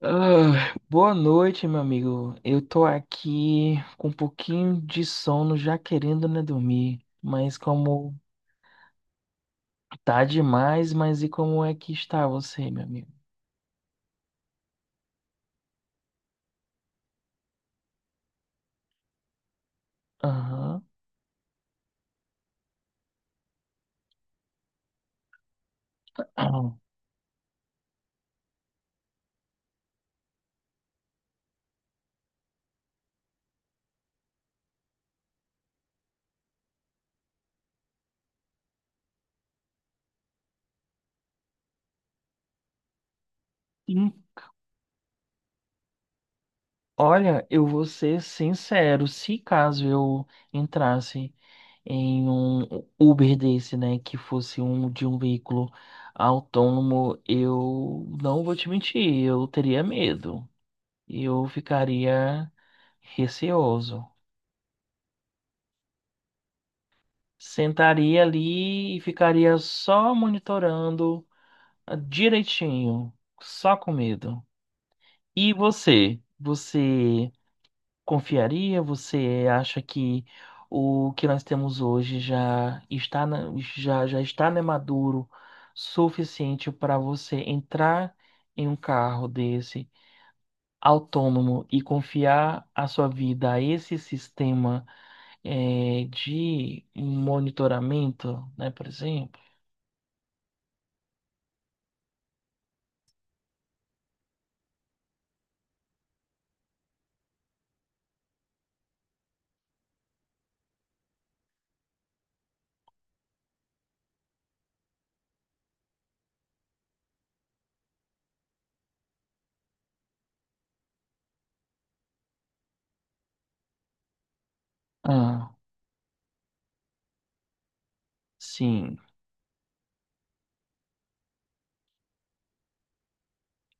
Ah, boa noite, meu amigo. Eu tô aqui com um pouquinho de sono, já querendo, né, dormir. Mas como tá demais, mas e como é que está você, meu amigo? Aham. Aham. Hum. Olha, eu vou ser sincero, se caso eu entrasse em um Uber desse, né, que fosse um de um veículo autônomo, eu não vou te mentir, eu teria medo. Eu ficaria receoso. Sentaria ali e ficaria só monitorando direitinho, só com medo. E você? Você confiaria? Você acha que o que nós temos hoje já, já está, né, maduro suficiente para você entrar em um carro desse autônomo e confiar a sua vida a esse sistema? É, de monitoramento, né, por exemplo. Ah, sim,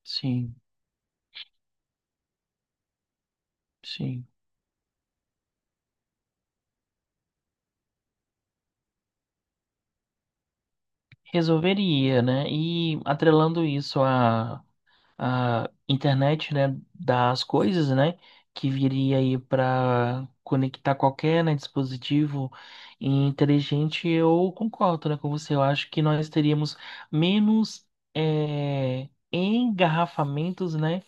sim, sim. Resolveria, né? E atrelando isso à, à internet, né, das coisas, né, que viria aí para conectar qualquer, né, dispositivo inteligente, eu concordo, né, com você. Eu acho que nós teríamos menos engarrafamentos, né?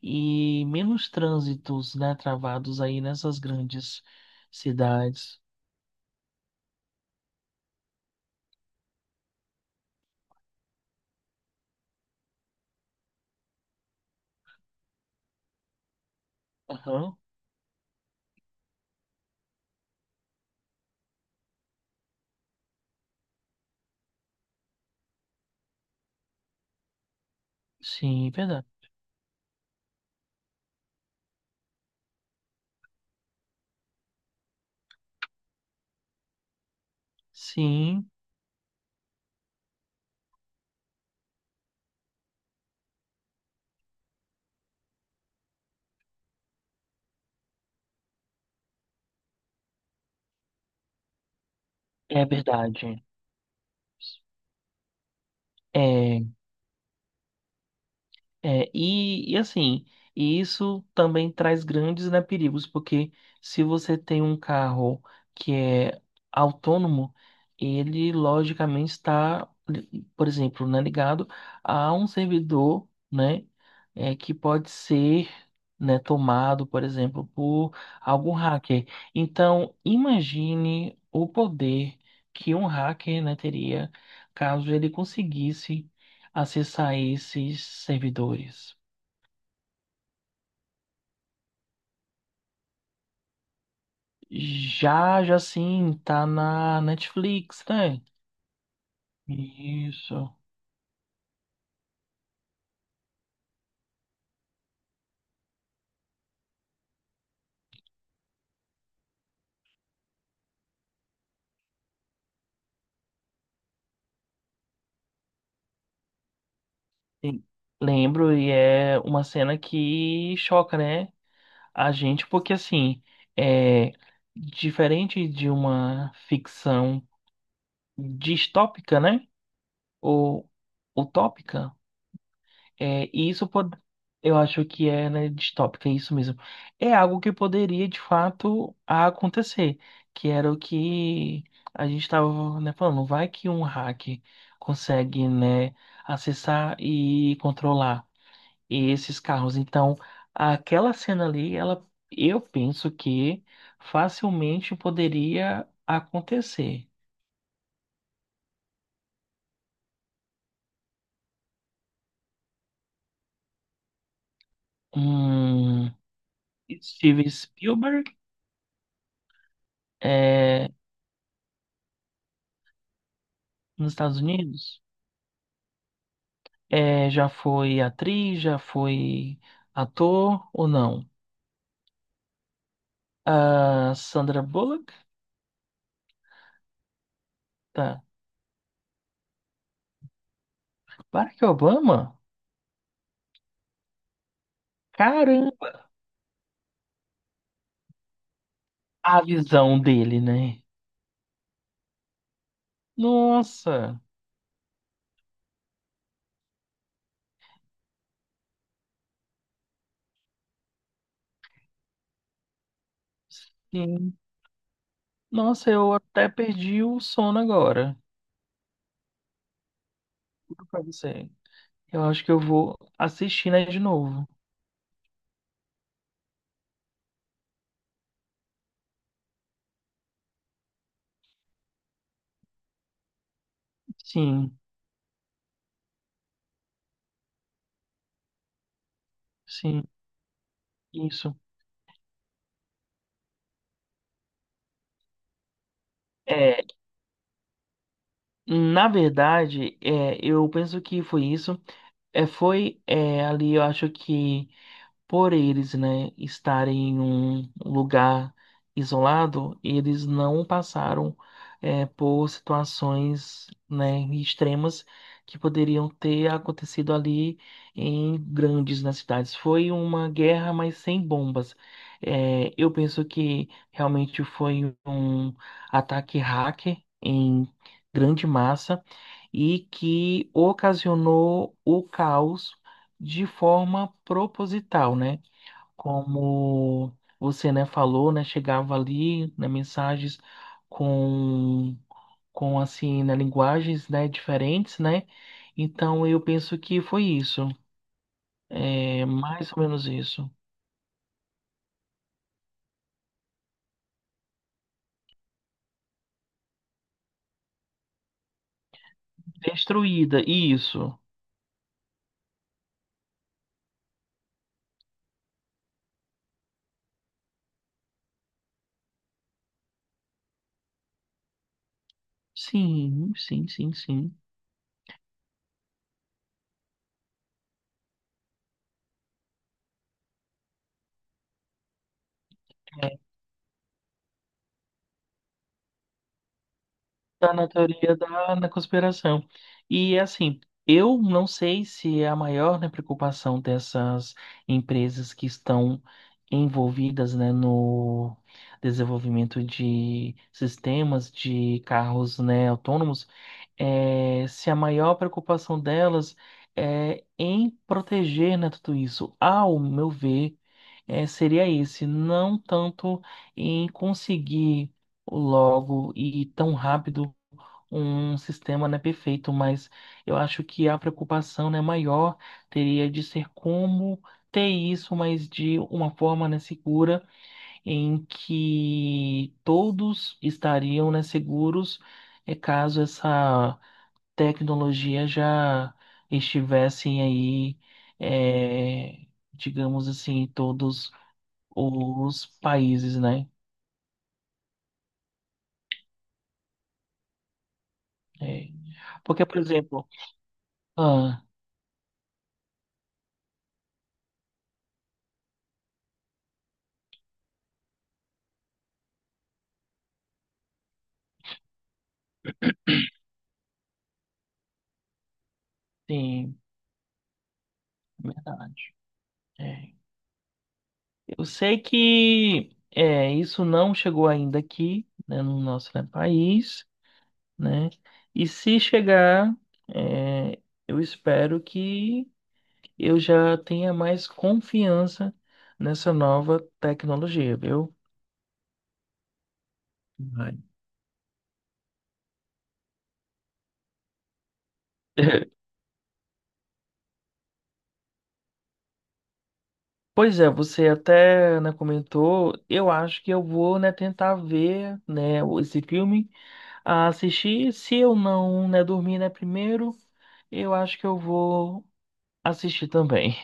E menos trânsitos, né, travados aí nessas grandes cidades. Aham. Sim, verdade. Sim, é verdade. É. É, e assim, e isso também traz grandes, né, perigos, porque se você tem um carro que é autônomo, ele logicamente está, por exemplo, né, ligado a um servidor, né, é, que pode ser, né, tomado, por exemplo, por algum hacker. Então, imagine o poder que um hacker, né, teria caso ele conseguisse acessar esses servidores. Já, já sim, tá na Netflix, né? Isso. Sim. Lembro, e é uma cena que choca, né? A gente, porque assim, é diferente de uma ficção distópica, né? Ou utópica. É, e isso pod... eu acho que é, né, distópica, é isso mesmo. É algo que poderia, de fato, acontecer, que era o que a gente estava, né, falando. Vai que um hack consegue, né, acessar e controlar esses carros. Então, aquela cena ali, ela, eu penso que facilmente poderia acontecer. Hum. Steven Spielberg. É, nos Estados Unidos. É, já foi atriz, já foi ator ou não? A Sandra Bullock? Tá. Barack Obama? Caramba, a visão dele, né? Nossa, sim. Nossa, eu até perdi o sono agora. Juro pra você. Eu acho que eu vou assistir, né, de novo. Sim, sim, isso. É, na verdade, é, eu penso que foi isso. É, foi é, ali, eu acho que por eles, né, estarem em um lugar isolado, eles não passaram é, por situações, né, extremas que poderiam ter acontecido ali em grandes nas cidades. Foi uma guerra, mas sem bombas. É, eu penso que realmente foi um ataque hacker em grande massa e que ocasionou o caos de forma proposital, né? Como você, né, falou, né, chegava ali, né, mensagens com, com assim, né, linguagens, né, diferentes, né? Então eu penso que foi isso, é mais ou menos isso. Destruída, isso. Sim, sim, sim, sim. Tá na teoria da na conspiração. E assim, eu não sei se é a maior, né, preocupação dessas empresas que estão envolvidas, né, no desenvolvimento de sistemas de carros, né, autônomos, é, se a maior preocupação delas é em proteger, né, tudo isso. Ao meu ver, é, seria esse, não tanto em conseguir logo e tão rápido um sistema não é perfeito, mas eu acho que a preocupação, né, maior teria de ser como ter isso, mas de uma forma, né, segura, em que todos estariam, né, seguros, é caso essa tecnologia já estivessem aí, é, digamos assim, em todos os países, né? É. Porque, por exemplo, ah, sim, verdade. É. Eu sei que é, isso não chegou ainda aqui, né, no nosso, né, país, né? E se chegar, é, eu espero que eu já tenha mais confiança nessa nova tecnologia, viu? Vai. Pois é, você até, né, comentou, eu acho que eu vou, né, tentar ver, né, esse filme, a assistir, se eu não, né, dormir, né, primeiro, eu acho que eu vou assistir também.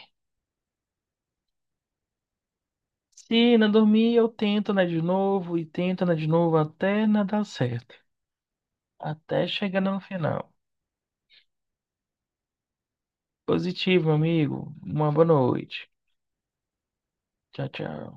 Se não dormir, eu tento nadar de novo e tento nadar de novo até nadar certo. Até chegar no final. Positivo, amigo. Uma boa noite. Tchau, tchau.